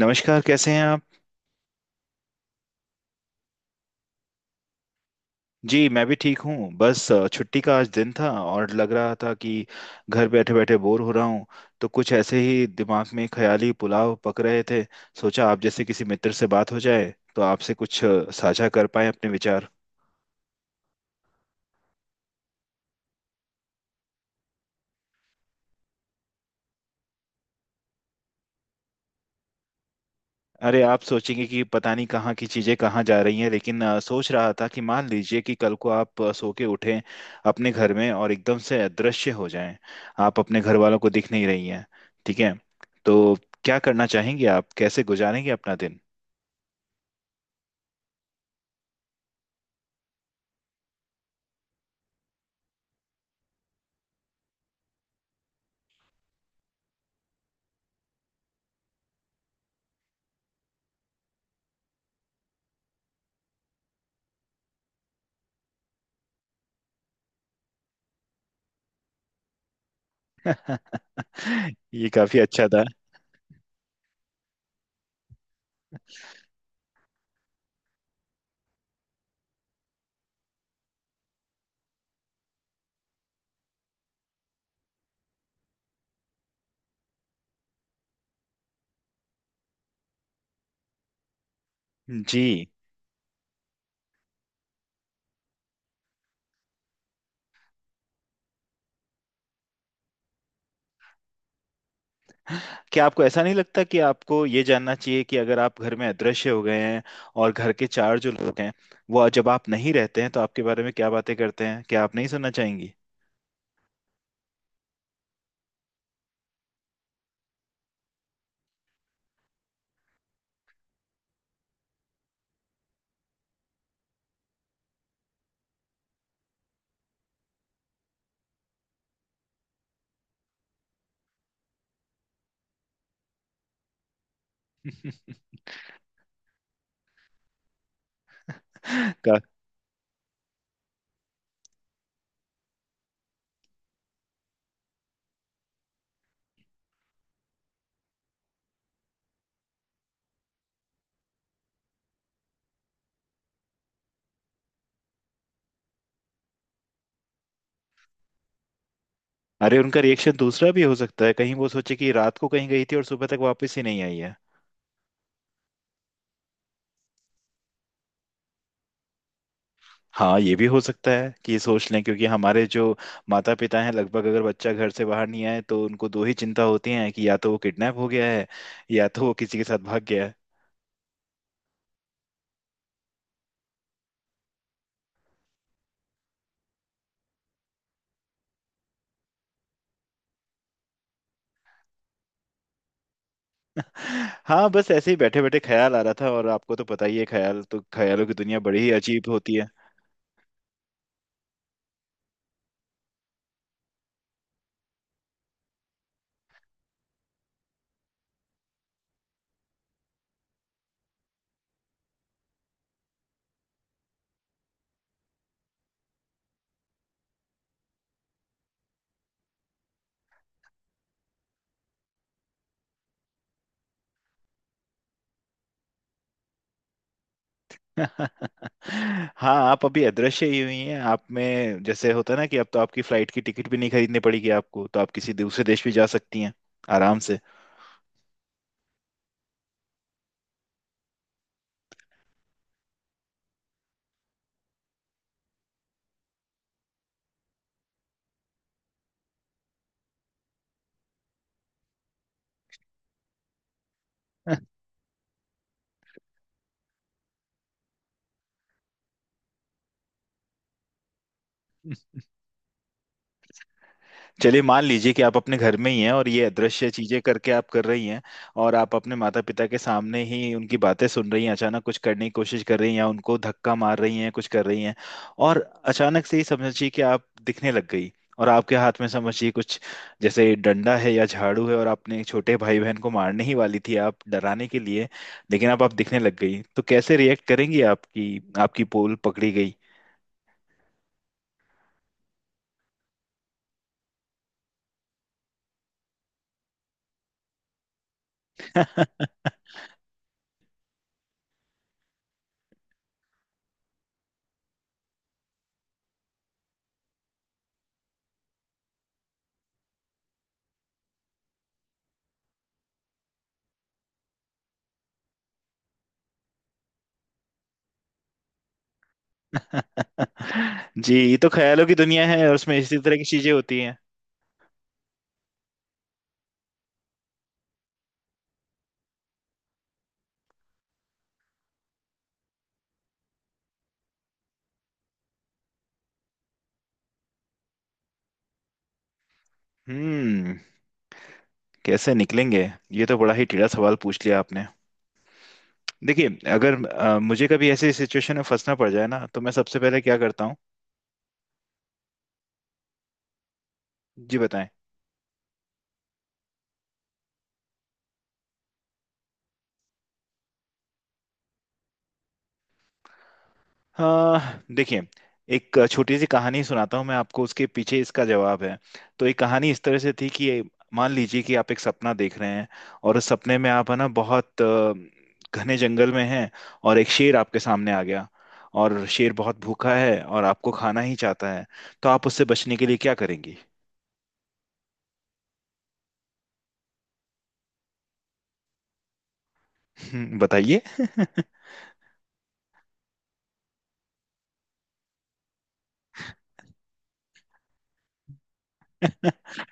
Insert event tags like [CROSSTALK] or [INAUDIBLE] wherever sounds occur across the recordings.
नमस्कार। कैसे हैं आप? जी, मैं भी ठीक हूँ। बस छुट्टी का आज दिन था और लग रहा था कि घर बैठे बैठे बोर हो रहा हूँ। तो कुछ ऐसे ही दिमाग में ख्याली पुलाव पक रहे थे। सोचा, आप जैसे किसी मित्र से बात हो जाए तो आपसे कुछ साझा कर पाए अपने विचार। अरे, आप सोचेंगे कि पता नहीं कहाँ की चीजें कहाँ जा रही हैं, लेकिन सोच रहा था कि मान लीजिए कि कल को आप सो के उठें अपने घर में, और एकदम से अदृश्य हो जाएं। आप अपने घर वालों को दिख नहीं रही हैं, ठीक है? तो क्या करना चाहेंगे आप? कैसे गुजारेंगे अपना दिन? [LAUGHS] ये काफी अच्छा था। जी। क्या आपको ऐसा नहीं लगता कि आपको ये जानना चाहिए कि अगर आप घर में अदृश्य हो गए हैं, और घर के चार जो लोग हैं वो जब आप नहीं रहते हैं तो आपके बारे में क्या बातें करते हैं? क्या आप नहीं सुनना चाहेंगी? [LAUGHS] का, अरे, उनका रिएक्शन दूसरा भी हो सकता है। कहीं वो सोचे कि रात को कहीं गई थी और सुबह तक वापस ही नहीं आई है। हाँ, ये भी हो सकता है कि ये सोच लें, क्योंकि हमारे जो माता पिता हैं, लगभग अगर बच्चा घर से बाहर नहीं आए तो उनको दो ही चिंता होती हैं कि या तो वो किडनैप हो गया है, या तो वो किसी के साथ भाग गया है। [LAUGHS] हाँ, बस ऐसे ही बैठे बैठे ख्याल आ रहा था, और आपको तो पता ही है, ख्याल तो ख्यालों की दुनिया बड़ी ही अजीब होती है। [LAUGHS] हाँ, आप अभी अदृश्य ही हुई हैं। आप में जैसे होता है ना कि अब तो आपकी फ्लाइट की टिकट भी नहीं खरीदनी पड़ेगी आपको, तो आप किसी दूसरे देश भी जा सकती हैं, आराम से। चलिए, मान लीजिए कि आप अपने घर में ही हैं और ये अदृश्य चीजें करके आप कर रही हैं, और आप अपने माता पिता के सामने ही उनकी बातें सुन रही हैं, अचानक कुछ करने की कोशिश कर रही हैं या उनको धक्का मार रही हैं, कुछ कर रही हैं। और अचानक से ही समझिए कि आप दिखने लग गई, और आपके हाथ में समझिए कुछ जैसे डंडा है या झाड़ू है, और आपने एक छोटे भाई बहन को मारने ही वाली थी, आप डराने के लिए। लेकिन अब आप दिखने लग गई, तो कैसे रिएक्ट करेंगी? आपकी आपकी पोल पकड़ी गई। [LAUGHS] [LAUGHS] जी, ये तो ख्यालों की दुनिया है, और उसमें इसी तरह की चीजें होती हैं। हम्म कैसे निकलेंगे? ये तो बड़ा ही टेढ़ा सवाल पूछ लिया आपने। देखिए, अगर मुझे कभी ऐसी सिचुएशन में फंसना पड़ जाए ना, तो मैं सबसे पहले क्या करता हूँ? जी, बताएं। हाँ, देखिए। एक छोटी सी कहानी सुनाता हूँ मैं आपको, उसके पीछे इसका जवाब है। तो एक कहानी इस तरह से थी कि मान लीजिए कि आप एक सपना देख रहे हैं, और उस सपने में आप है ना, बहुत घने जंगल में हैं। और एक शेर आपके सामने आ गया, और शेर बहुत भूखा है और आपको खाना ही चाहता है। तो आप उससे बचने के लिए क्या करेंगी? [LAUGHS] बताइए। [LAUGHS]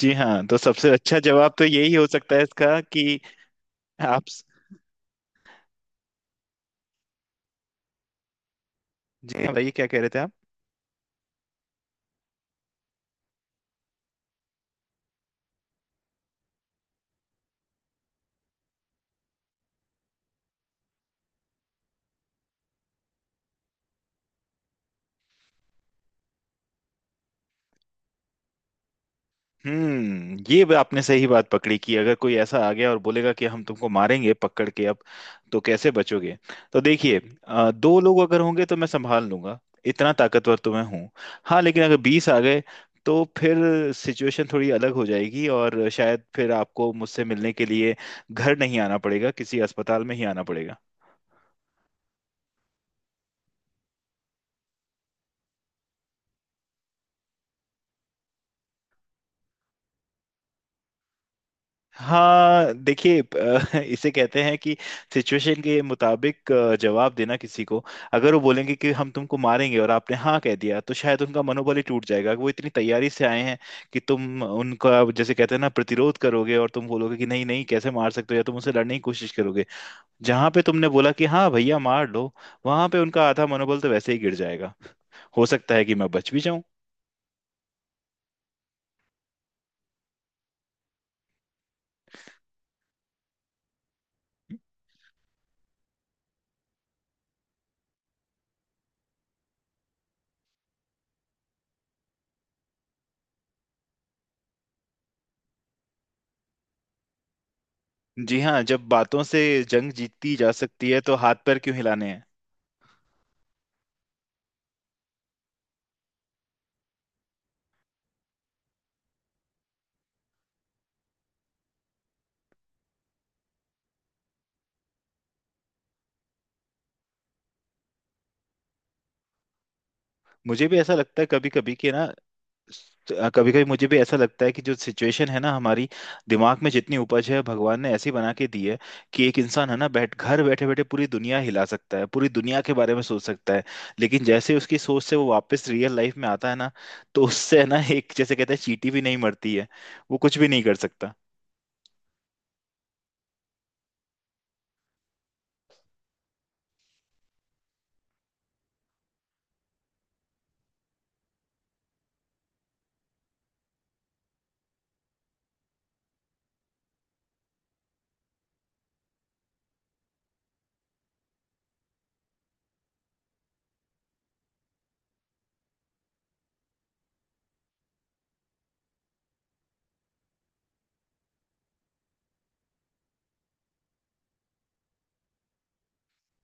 जी हाँ, तो सबसे अच्छा जवाब तो यही हो सकता है इसका, कि आप। जी हाँ, बताइए क्या कह रहे थे आप। ये भी आपने सही बात पकड़ी कि अगर कोई ऐसा आ गया और बोलेगा कि हम तुमको मारेंगे, पकड़ के, अब तो कैसे बचोगे? तो देखिए, दो लोग अगर होंगे तो मैं संभाल लूंगा। इतना ताकतवर तो मैं हूँ। हाँ, लेकिन अगर 20 आ गए तो फिर सिचुएशन थोड़ी अलग हो जाएगी, और शायद फिर आपको मुझसे मिलने के लिए घर नहीं आना पड़ेगा, किसी अस्पताल में ही आना पड़ेगा। हाँ, देखिए। [LAUGHS] इसे कहते हैं कि सिचुएशन के मुताबिक जवाब देना किसी को। अगर वो बोलेंगे कि हम तुमको मारेंगे और आपने हाँ कह दिया, तो शायद उनका मनोबल ही टूट जाएगा। वो इतनी तैयारी से आए हैं कि तुम उनका, जैसे कहते हैं ना, प्रतिरोध करोगे और तुम बोलोगे कि नहीं नहीं, कैसे मार सकते हो, या तुम उनसे लड़ने की कोशिश करोगे। जहां पे तुमने बोला कि हाँ भैया, मार लो, वहां पे उनका आधा मनोबल तो वैसे ही गिर जाएगा। हो सकता है कि मैं बच भी जाऊं। जी हाँ, जब बातों से जंग जीती जा सकती है तो हाथ पैर क्यों हिलाने हैं? मुझे भी ऐसा लगता है कभी कभी कि ना, कभी कभी मुझे भी ऐसा लगता है कि जो सिचुएशन है ना हमारी, दिमाग में जितनी उपज है भगवान ने ऐसी बना के दी है कि एक इंसान है ना, बैठ घर बैठे बैठे पूरी दुनिया हिला सकता है, पूरी दुनिया के बारे में सोच सकता है। लेकिन जैसे उसकी सोच से वो वापस रियल लाइफ में आता है ना, तो उससे है ना, एक जैसे कहते हैं, चींटी भी नहीं मरती है, वो कुछ भी नहीं कर सकता।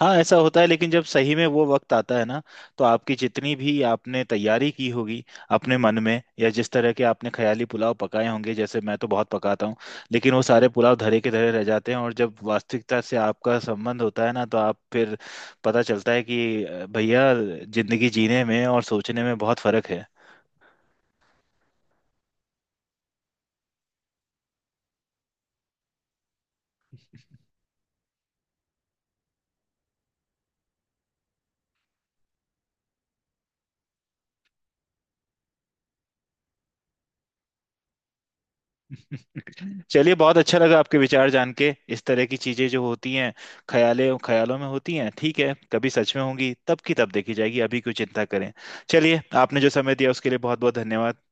हाँ, ऐसा होता है, लेकिन जब सही में वो वक्त आता है ना, तो आपकी जितनी भी आपने तैयारी की होगी अपने मन में, या जिस तरह के आपने ख्याली पुलाव पकाए होंगे, जैसे मैं तो बहुत पकाता हूँ, लेकिन वो सारे पुलाव धरे के धरे रह जाते हैं। और जब वास्तविकता से आपका संबंध होता है ना, तो आप फिर पता चलता है कि भैया, जिंदगी जीने में और सोचने में बहुत फर्क है। [LAUGHS] चलिए, बहुत अच्छा लगा आपके विचार जान के। इस तरह की चीजें जो होती हैं ख्याले ख्यालों में होती हैं, ठीक है? कभी सच में होंगी तब की तब देखी जाएगी, अभी क्यों चिंता करें। चलिए, आपने जो समय दिया उसके लिए बहुत बहुत धन्यवाद।